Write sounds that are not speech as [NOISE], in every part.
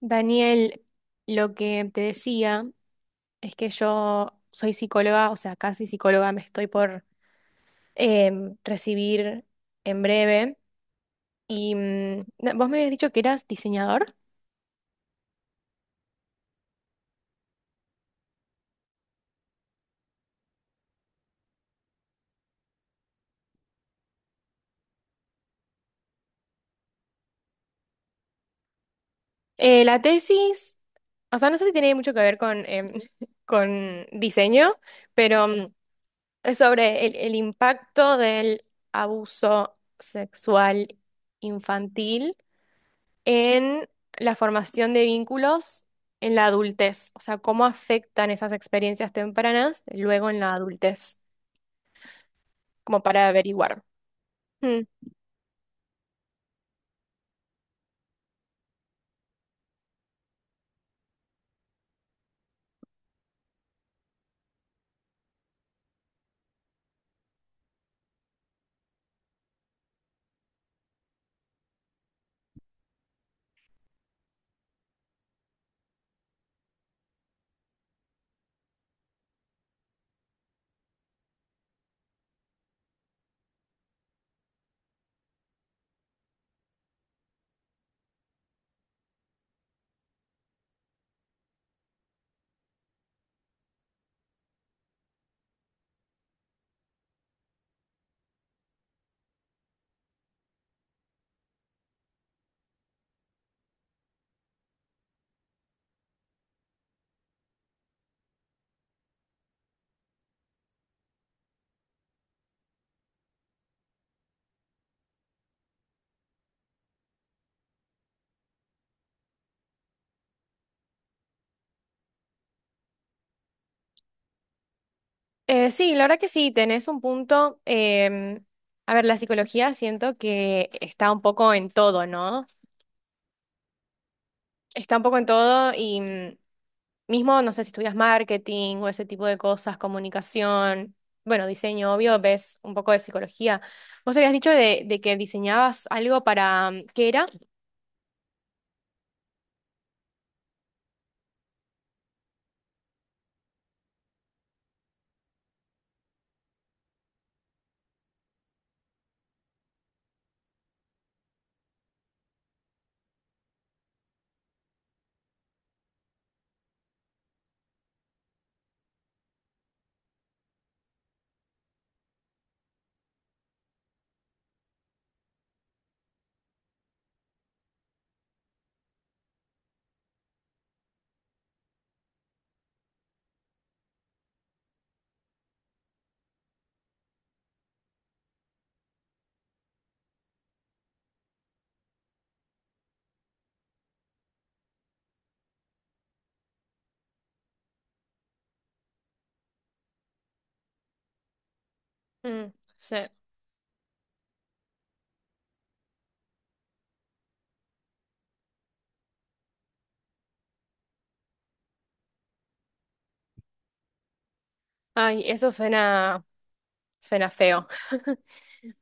Daniel, lo que te decía es que yo soy psicóloga, o sea, casi psicóloga, me estoy por recibir en breve. Y no, vos me habías dicho que eras diseñador. La tesis, o sea, no sé si tiene mucho que ver con, [LAUGHS] con diseño, pero es sobre el impacto del abuso sexual infantil en la formación de vínculos en la adultez, o sea, cómo afectan esas experiencias tempranas luego en la adultez, como para averiguar. Mm. Sí, la verdad que sí, tenés un punto. A ver, la psicología siento que está un poco en todo, ¿no? Está un poco en todo y mismo, no sé si estudias marketing o ese tipo de cosas, comunicación, bueno, diseño, obvio, ves un poco de psicología. Vos habías dicho de que diseñabas algo para, ¿qué era? Mm, sí. Ay, eso suena, suena feo. [LAUGHS]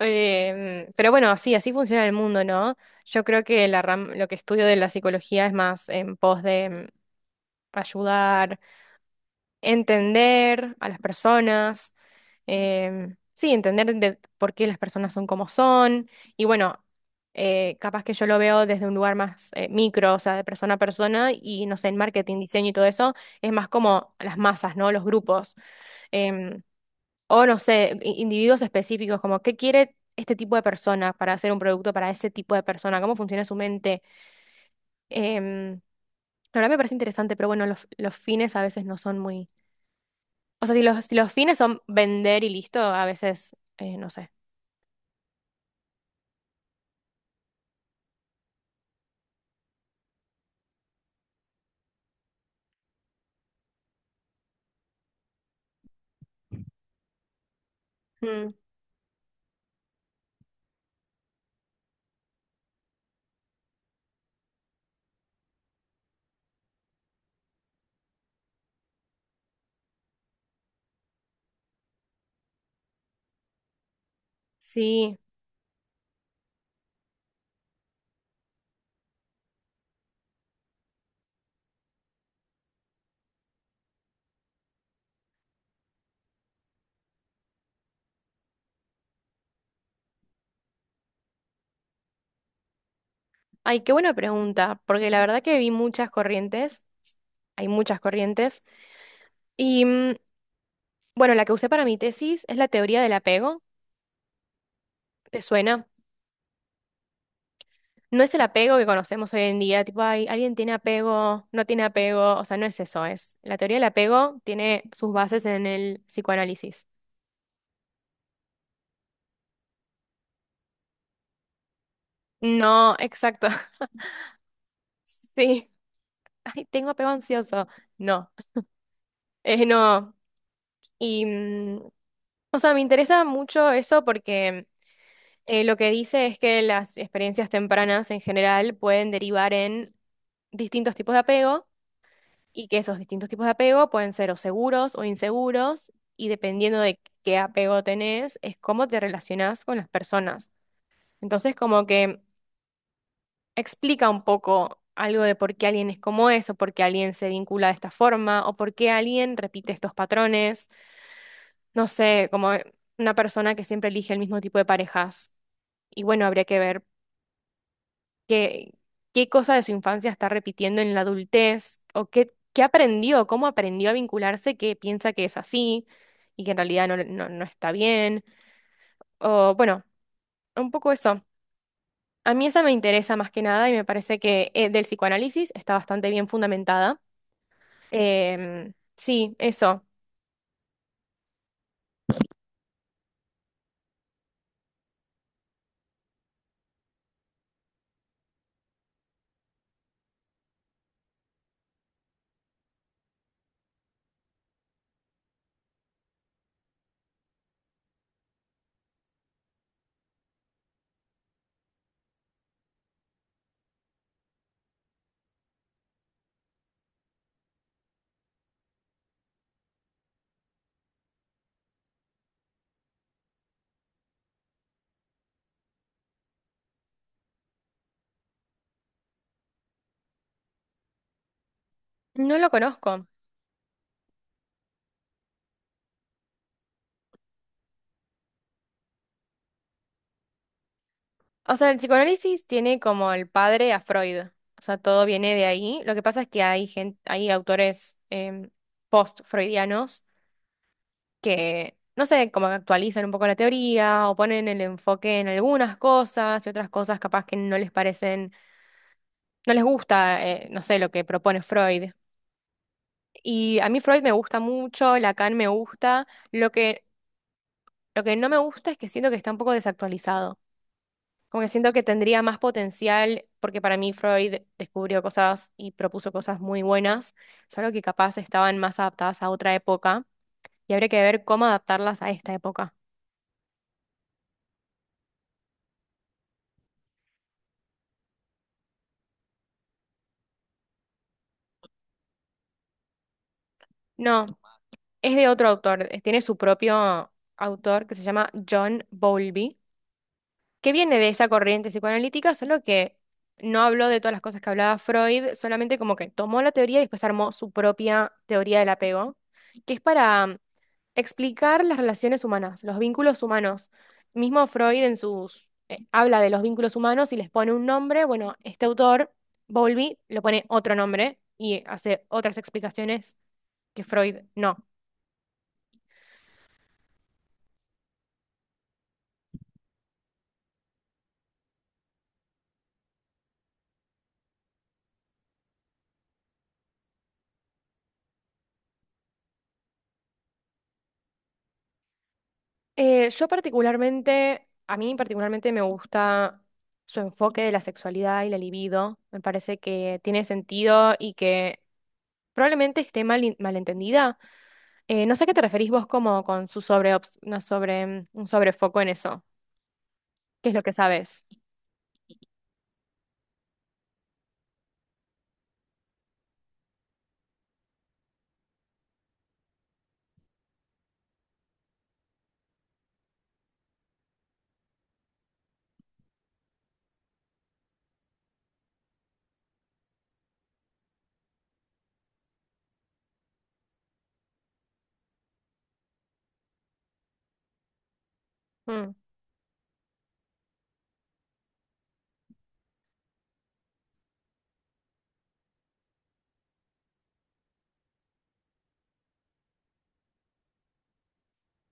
Pero bueno, así así funciona el mundo, ¿no? Yo creo que lo que estudio de la psicología es más en pos de ayudar, entender a las personas, sí, entender de por qué las personas son como son. Y bueno, capaz que yo lo veo desde un lugar más micro, o sea, de persona a persona, y no sé, en marketing, diseño y todo eso, es más como las masas, ¿no? Los grupos. Em, O no sé, individuos específicos, como qué quiere este tipo de persona para hacer un producto para ese tipo de persona, cómo funciona su mente. Em, la verdad me parece interesante, pero bueno, los fines a veces no son muy... O sea, si si los fines son vender y listo, a veces, no sé. Mm. Sí, ay, qué buena pregunta, porque la verdad que vi muchas corrientes, hay muchas corrientes, y bueno, la que usé para mi tesis es la teoría del apego, ¿te suena? No es el apego que conocemos hoy en día, tipo, ay, alguien tiene apego, no tiene apego, o sea, no es eso, es. La teoría del apego tiene sus bases en el psicoanálisis. No, exacto, [LAUGHS] sí. Ay, tengo apego ansioso. No, no. Y, o sea, me interesa mucho eso porque lo que dice es que las experiencias tempranas en general pueden derivar en distintos tipos de apego y que esos distintos tipos de apego pueden ser o seguros o inseguros, y dependiendo de qué apego tenés, es cómo te relacionás con las personas. Entonces, como que explica un poco algo de por qué alguien es como es, o por qué alguien se vincula de esta forma, o por qué alguien repite estos patrones, no sé, como una persona que siempre elige el mismo tipo de parejas. Y bueno, habría que ver qué, qué cosa de su infancia está repitiendo en la adultez o qué, qué aprendió, cómo aprendió a vincularse que piensa que es así y que en realidad no, no, no está bien. O bueno, un poco eso. A mí esa me interesa más que nada y me parece que del psicoanálisis está bastante bien fundamentada. Sí, eso. No lo conozco. O sea, el psicoanálisis tiene como el padre a Freud. O sea, todo viene de ahí. Lo que pasa es que hay gente, hay autores post-freudianos que, no sé, como que actualizan un poco la teoría o ponen el enfoque en algunas cosas y otras cosas capaz que no les parecen, no les gusta, no sé, lo que propone Freud. Y a mí Freud me gusta mucho, Lacan me gusta, lo que no me gusta es que siento que está un poco desactualizado. Como que siento que tendría más potencial, porque para mí Freud descubrió cosas y propuso cosas muy buenas, solo que capaz estaban más adaptadas a otra época y habría que ver cómo adaptarlas a esta época. No, es de otro autor, tiene su propio autor que se llama John Bowlby, que viene de esa corriente psicoanalítica, solo que no habló de todas las cosas que hablaba Freud, solamente como que tomó la teoría y después armó su propia teoría del apego, que es para explicar las relaciones humanas, los vínculos humanos. Mismo Freud en sus habla de los vínculos humanos y les pone un nombre, bueno, este autor, Bowlby, le pone otro nombre y hace otras explicaciones que Freud no. Yo particularmente, a mí particularmente me gusta su enfoque de la sexualidad y la libido. Me parece que tiene sentido y que probablemente esté mal, malentendida. No sé a qué te referís vos como con su sobre, una sobre, un sobrefoco en eso. ¿Qué es lo que sabes?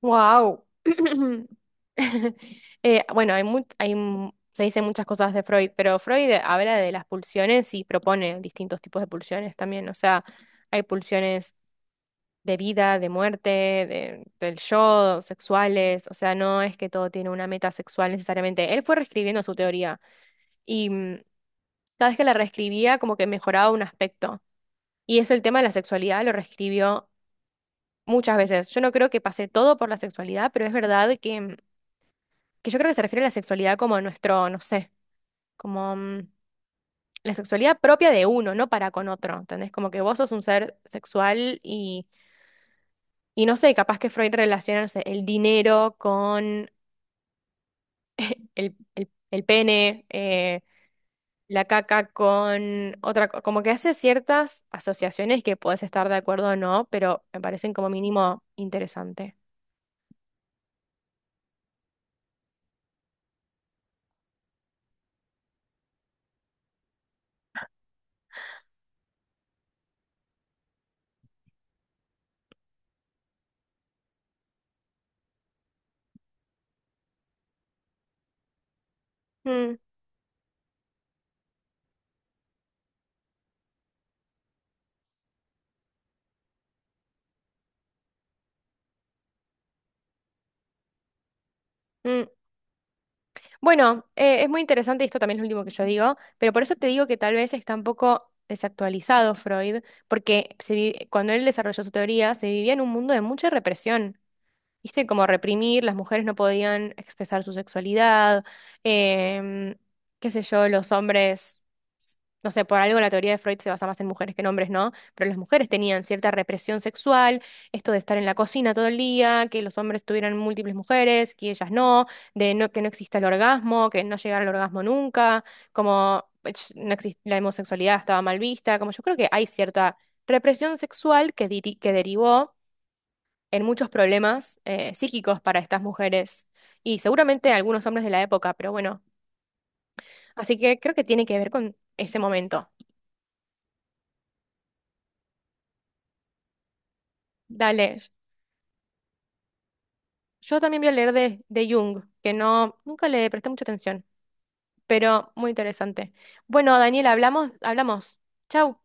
Wow. [CLEARS THROAT] Bueno, hay se dicen muchas cosas de Freud, pero Freud habla de las pulsiones y propone distintos tipos de pulsiones también. O sea, hay pulsiones de vida, de muerte, del yo, sexuales, o sea, no es que todo tiene una meta sexual necesariamente. Él fue reescribiendo su teoría y cada vez que la reescribía como que mejoraba un aspecto. Y eso el tema de la sexualidad lo reescribió muchas veces. Yo no creo que pase todo por la sexualidad, pero es verdad que, que yo creo que se refiere a la sexualidad como a nuestro, no sé, como la sexualidad propia de uno, no para con otro, ¿entendés? Como que vos sos un ser sexual y... Y no sé, capaz que Freud relaciona, no sé, el dinero con el pene, la caca con otra, como que hace ciertas asociaciones que puedes estar de acuerdo o no, pero me parecen como mínimo interesante. Mm, mm. Bueno, es muy interesante, y esto también es lo último que yo digo, pero por eso te digo que tal vez está un poco desactualizado Freud, porque cuando él desarrolló su teoría se vivía en un mundo de mucha represión. Viste, como reprimir, las mujeres no podían expresar su sexualidad, em, qué sé yo, los hombres, no sé, por algo la teoría de Freud se basa más en mujeres que en hombres, ¿no? Pero las mujeres tenían cierta represión sexual, esto de estar en la cocina todo el día, que los hombres tuvieran múltiples mujeres, que ellas no, de no, que no exista el orgasmo, que no llegara al orgasmo nunca, como ech, no exis- la homosexualidad estaba mal vista, como yo creo que hay cierta represión sexual que derivó en muchos problemas psíquicos para estas mujeres y seguramente algunos hombres de la época, pero bueno, así que creo que tiene que ver con ese momento. Dale, yo también voy a leer de Jung, que no, nunca le presté mucha atención, pero muy interesante. Bueno, Daniel, hablamos, hablamos. Chau.